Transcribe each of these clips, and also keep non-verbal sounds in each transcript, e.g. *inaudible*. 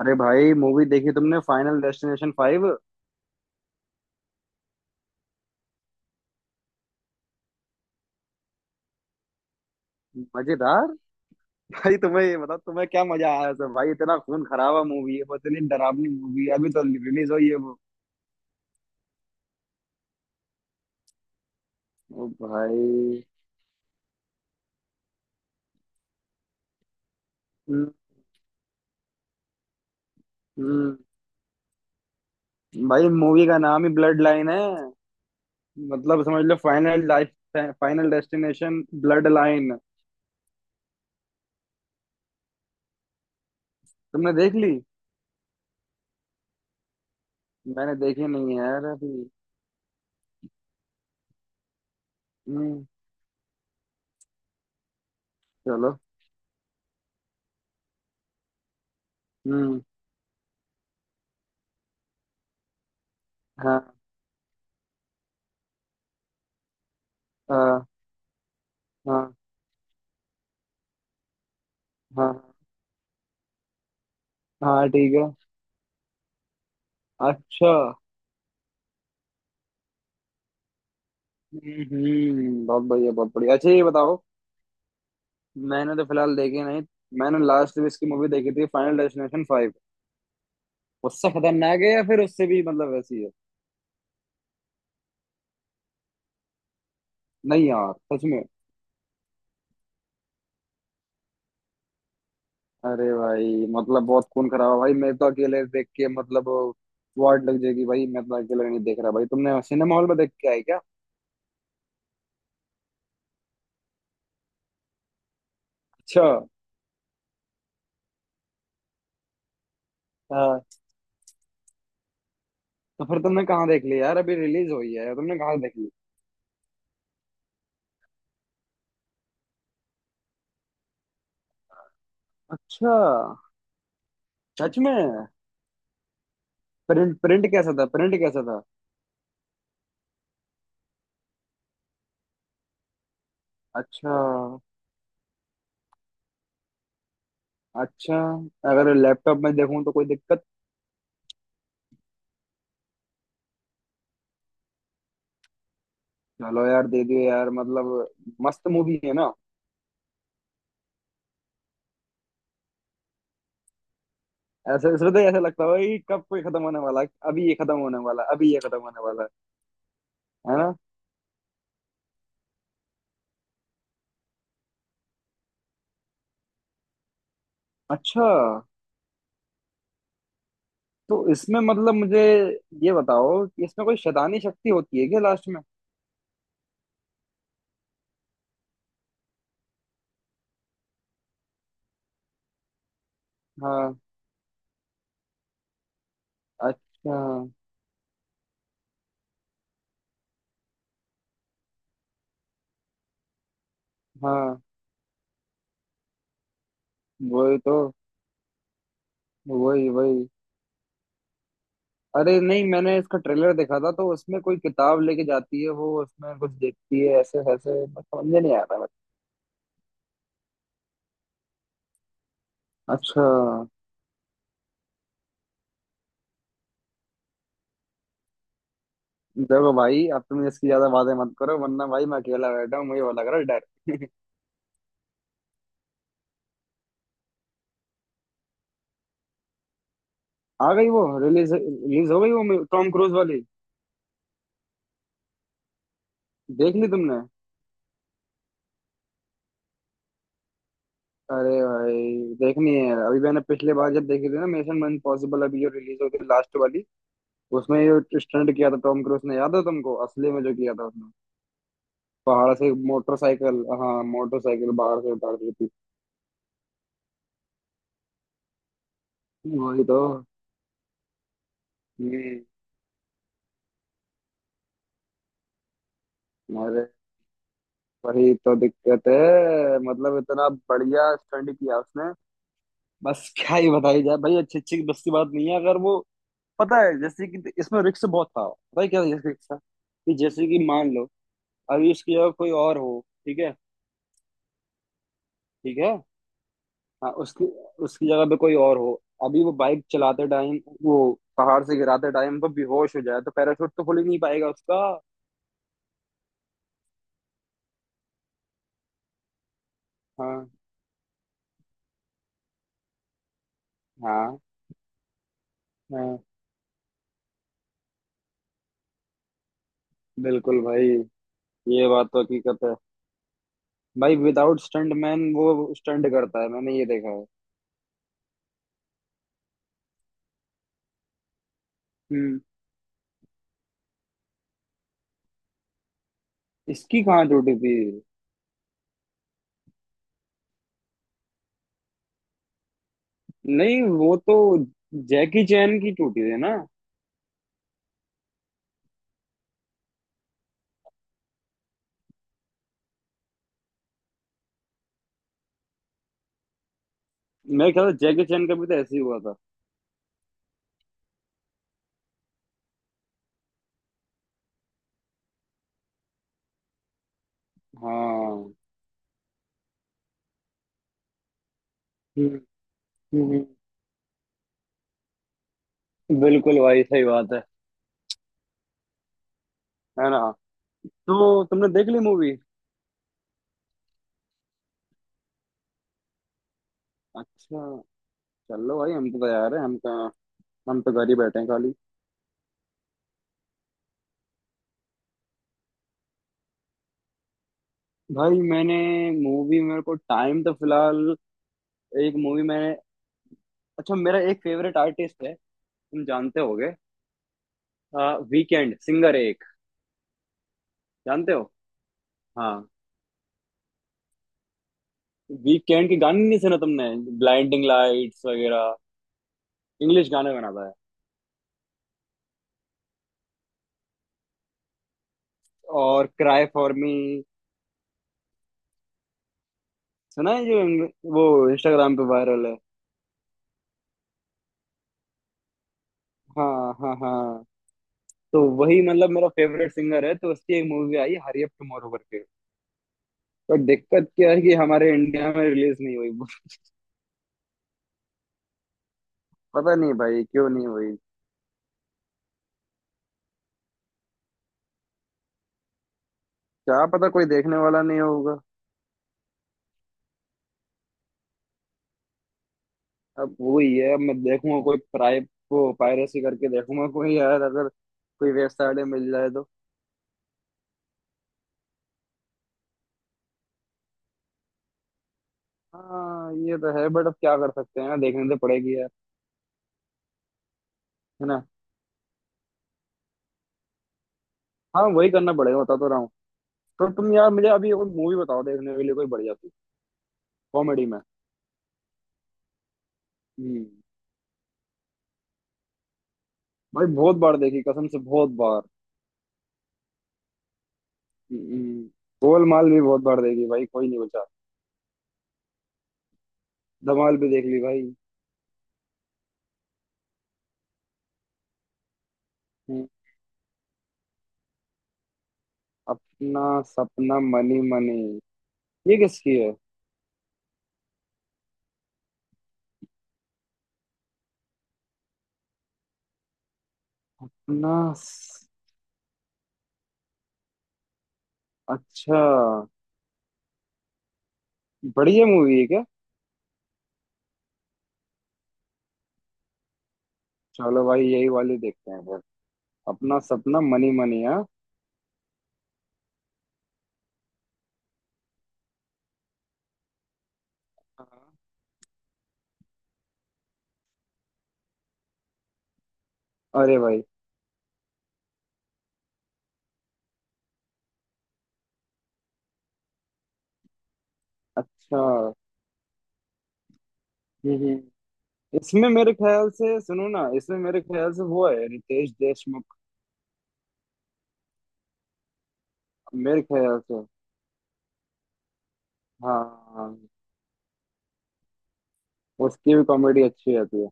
अरे भाई मूवी देखी तुमने फाइनल डेस्टिनेशन फाइव? मजेदार। भाई तुम्हें ये बताओ, तुम्हें क्या मजा आया सब? भाई इतना खून खराबा मूवी है, बस इतनी डरावनी मूवी है, अभी तो रिलीज हुई है वो। ओ भाई। हम्म। हम्म। भाई मूवी का नाम ही ब्लड लाइन है। मतलब समझ लो final life. Final Destination Bloodline. तुमने देख ली? मैंने देखी नहीं है यार अभी। हम्म। चलो। हम्म। हाँ। हाँ। हाँ। हाँ। हाँ ठीक है। अच्छा। हम्म, बहुत बढ़िया, बहुत बढ़िया। अच्छा, ये बताओ, मैंने तो फिलहाल देखी नहीं। मैंने लास्ट में इसकी मूवी देखी थी, फाइनल डेस्टिनेशन फाइव। उससे खतरनाक है या फिर उससे भी मतलब वैसी है? नहीं यार, सच में? अरे भाई मतलब बहुत खून खराब है भाई, मैं तो अकेले देख के मतलब वाट लग जाएगी भाई, मैं तो अकेले नहीं देख रहा भाई। तुमने सिनेमा हॉल में देख के आई क्या? अच्छा। हाँ। तो फिर तुमने कहाँ देख ली यार? अभी रिलीज हुई है, तुमने कहाँ से देख ली? अच्छा। सच में? प्रिंट प्रिंट कैसा था, प्रिंट कैसा था? अच्छा। अच्छा। अगर लैपटॉप में देखूं तो कोई दिक्कत? चलो यार, दे दियो यार, मतलब मस्त मूवी है ना? ऐसे इसमें तो ऐसा लगता है कि कब कोई खत्म होने वाला है, अभी ये खत्म होने वाला है, अभी ये खत्म होने वाला है। है ना? अच्छा। तो इसमें मतलब मुझे ये बताओ कि इसमें कोई शैतानी शक्ति होती है क्या लास्ट में? हाँ। अच्छा। हाँ, वही तो। वही वही। अरे नहीं, मैंने इसका ट्रेलर देखा था तो उसमें कोई किताब लेके जाती है वो, उसमें कुछ देखती है ऐसे ऐसे, बस समझ में नहीं आ रहा बस। अच्छा। देखो भाई, अब तुम इसकी ज्यादा बातें मत करो वरना भाई मैं अकेला बैठा हूँ, मुझे वो लग रहा है डर। *laughs* आ गई वो, रिलीज रिलीज हो गई वो टॉम क्रूज वाली। देख ली तुमने? अरे भाई देखनी है अभी। मैंने पिछले बार जब देखी थी ना मिशन इम्पॉसिबल, अभी जो रिलीज हुई थी लास्ट वाली, उसमें जो स्टंट किया था टॉम क्रूज ने, याद है तुमको? असली में जो किया था उसने, पहाड़ से मोटरसाइकिल, हाँ मोटरसाइकिल बाहर से उतार दी थी। वही तो। हम्म। अरे वही तो दिक्कत है, मतलब इतना बढ़िया स्टंट किया उसने, बस क्या ही बताई जाए भाई। अच्छी अच्छी बस की बात नहीं है अगर वो, पता है जैसे कि इसमें रिस्क बहुत था, पता है क्या रिस्क था? कि जैसे कि मान लो अभी उसकी जगह कोई और हो। ठीक है। ठीक है। हाँ, उसकी उसकी जगह पे कोई और हो, अभी वो बाइक चलाते टाइम वो पहाड़ से गिराते टाइम वो बेहोश हो जाए तो पैराशूट तो खुल ही नहीं पाएगा उसका। हाँ। हाँ। हाँ, बिल्कुल भाई, ये बात तो हकीकत है। भाई विदाउट स्टंट मैन वो स्टंट करता है, मैंने ये देखा है। हम्म। इसकी कहाँ टूटी थी? नहीं, वो तो जैकी चैन की टूटी थी ना? मैं ख्याल से जैकी चैन का भी तो ऐसे ही हुआ था। हाँ। हम्म, हम्म, बिल्कुल भाई सही बात है। है ना? तो तुमने देख ली मूवी? अच्छा। चलो भाई, हम तो तैयार हैं, हम कहाँ, हम तो घर ही बैठे हैं खाली। भाई मैंने मूवी, मेरे को टाइम तो फिलहाल, एक मूवी मैंने, अच्छा, मेरा एक फेवरेट आर्टिस्ट है, तुम जानते होगे। वीकेंड सिंगर एक, जानते हो? हाँ। वीकेंड के गाने नहीं सुना तुमने? ब्लाइंडिंग लाइट्स वगैरह। इंग्लिश गाने बनाता है। और क्राई फॉर मी। सुना है जो वो इंस्टाग्राम पे वायरल है। हाँ हाँ हाँ। तो वही मतलब मेरा फेवरेट सिंगर है, तो उसकी एक मूवी आई हरी अप टुमारो करके। पर दिक्कत क्या है कि हमारे इंडिया में रिलीज नहीं हुई। *laughs* पता नहीं भाई क्यों नहीं हुई। क्या पता कोई देखने वाला नहीं होगा। अब वही है, अब मैं देखूंगा कोई प्राइ वो पायरेसी करके देखूंगा कोई यार, अगर कोई वेबसाइट में मिल जाए तो। हाँ ये तो है, बट अब क्या कर सकते हैं, देखने तो पड़ेगी यार। है ना? हाँ, वही करना पड़ेगा, बता तो रहा हूँ। तो तुम यार मुझे अभी कोई मूवी बताओ देखने के लिए, कोई बढ़िया सी कॉमेडी में। हम्म। भाई, बहुत बार देखी कसम से, बहुत बार। हम्म, गोलमाल भी बहुत बार देखी भाई, कोई नहीं बचा। धमाल भी देख ली भाई। हम्म, अपना सपना मनी मनी, ये किसकी है? अपना स-। अच्छा। बढ़िया मूवी है क्या? चलो भाई, यही वाली देखते हैं फिर। अपना सपना मनी मनी। हाँ। हाँ, अरे भाई। अच्छा। हम्म। इसमें मेरे ख्याल से, सुनो ना, इसमें मेरे ख्याल से वो है रितेश देशमुख। मेरे ख्याल से, हाँ हाँ, उसकी भी कॉमेडी अच्छी रहती है।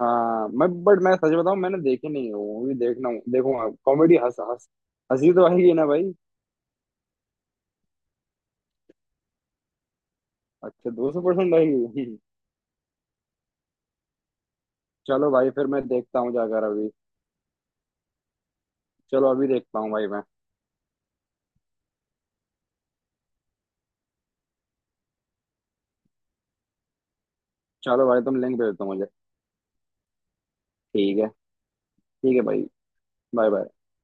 हाँ, मैं, बट मैं सच बताऊं, मैंने देखी नहीं है, वो भी देखना, देखूंगा। कॉमेडी, हंस हंस, हंसी तो आएगी ना भाई? अच्छा, 200% आएगी। *laughs* चलो भाई, फिर मैं देखता हूँ जाकर अभी। चलो, अभी देखता हूँ भाई मैं। चलो भाई, तुम लिंक भेज दो मुझे। ठीक है। ठीक है भाई। Bye bye.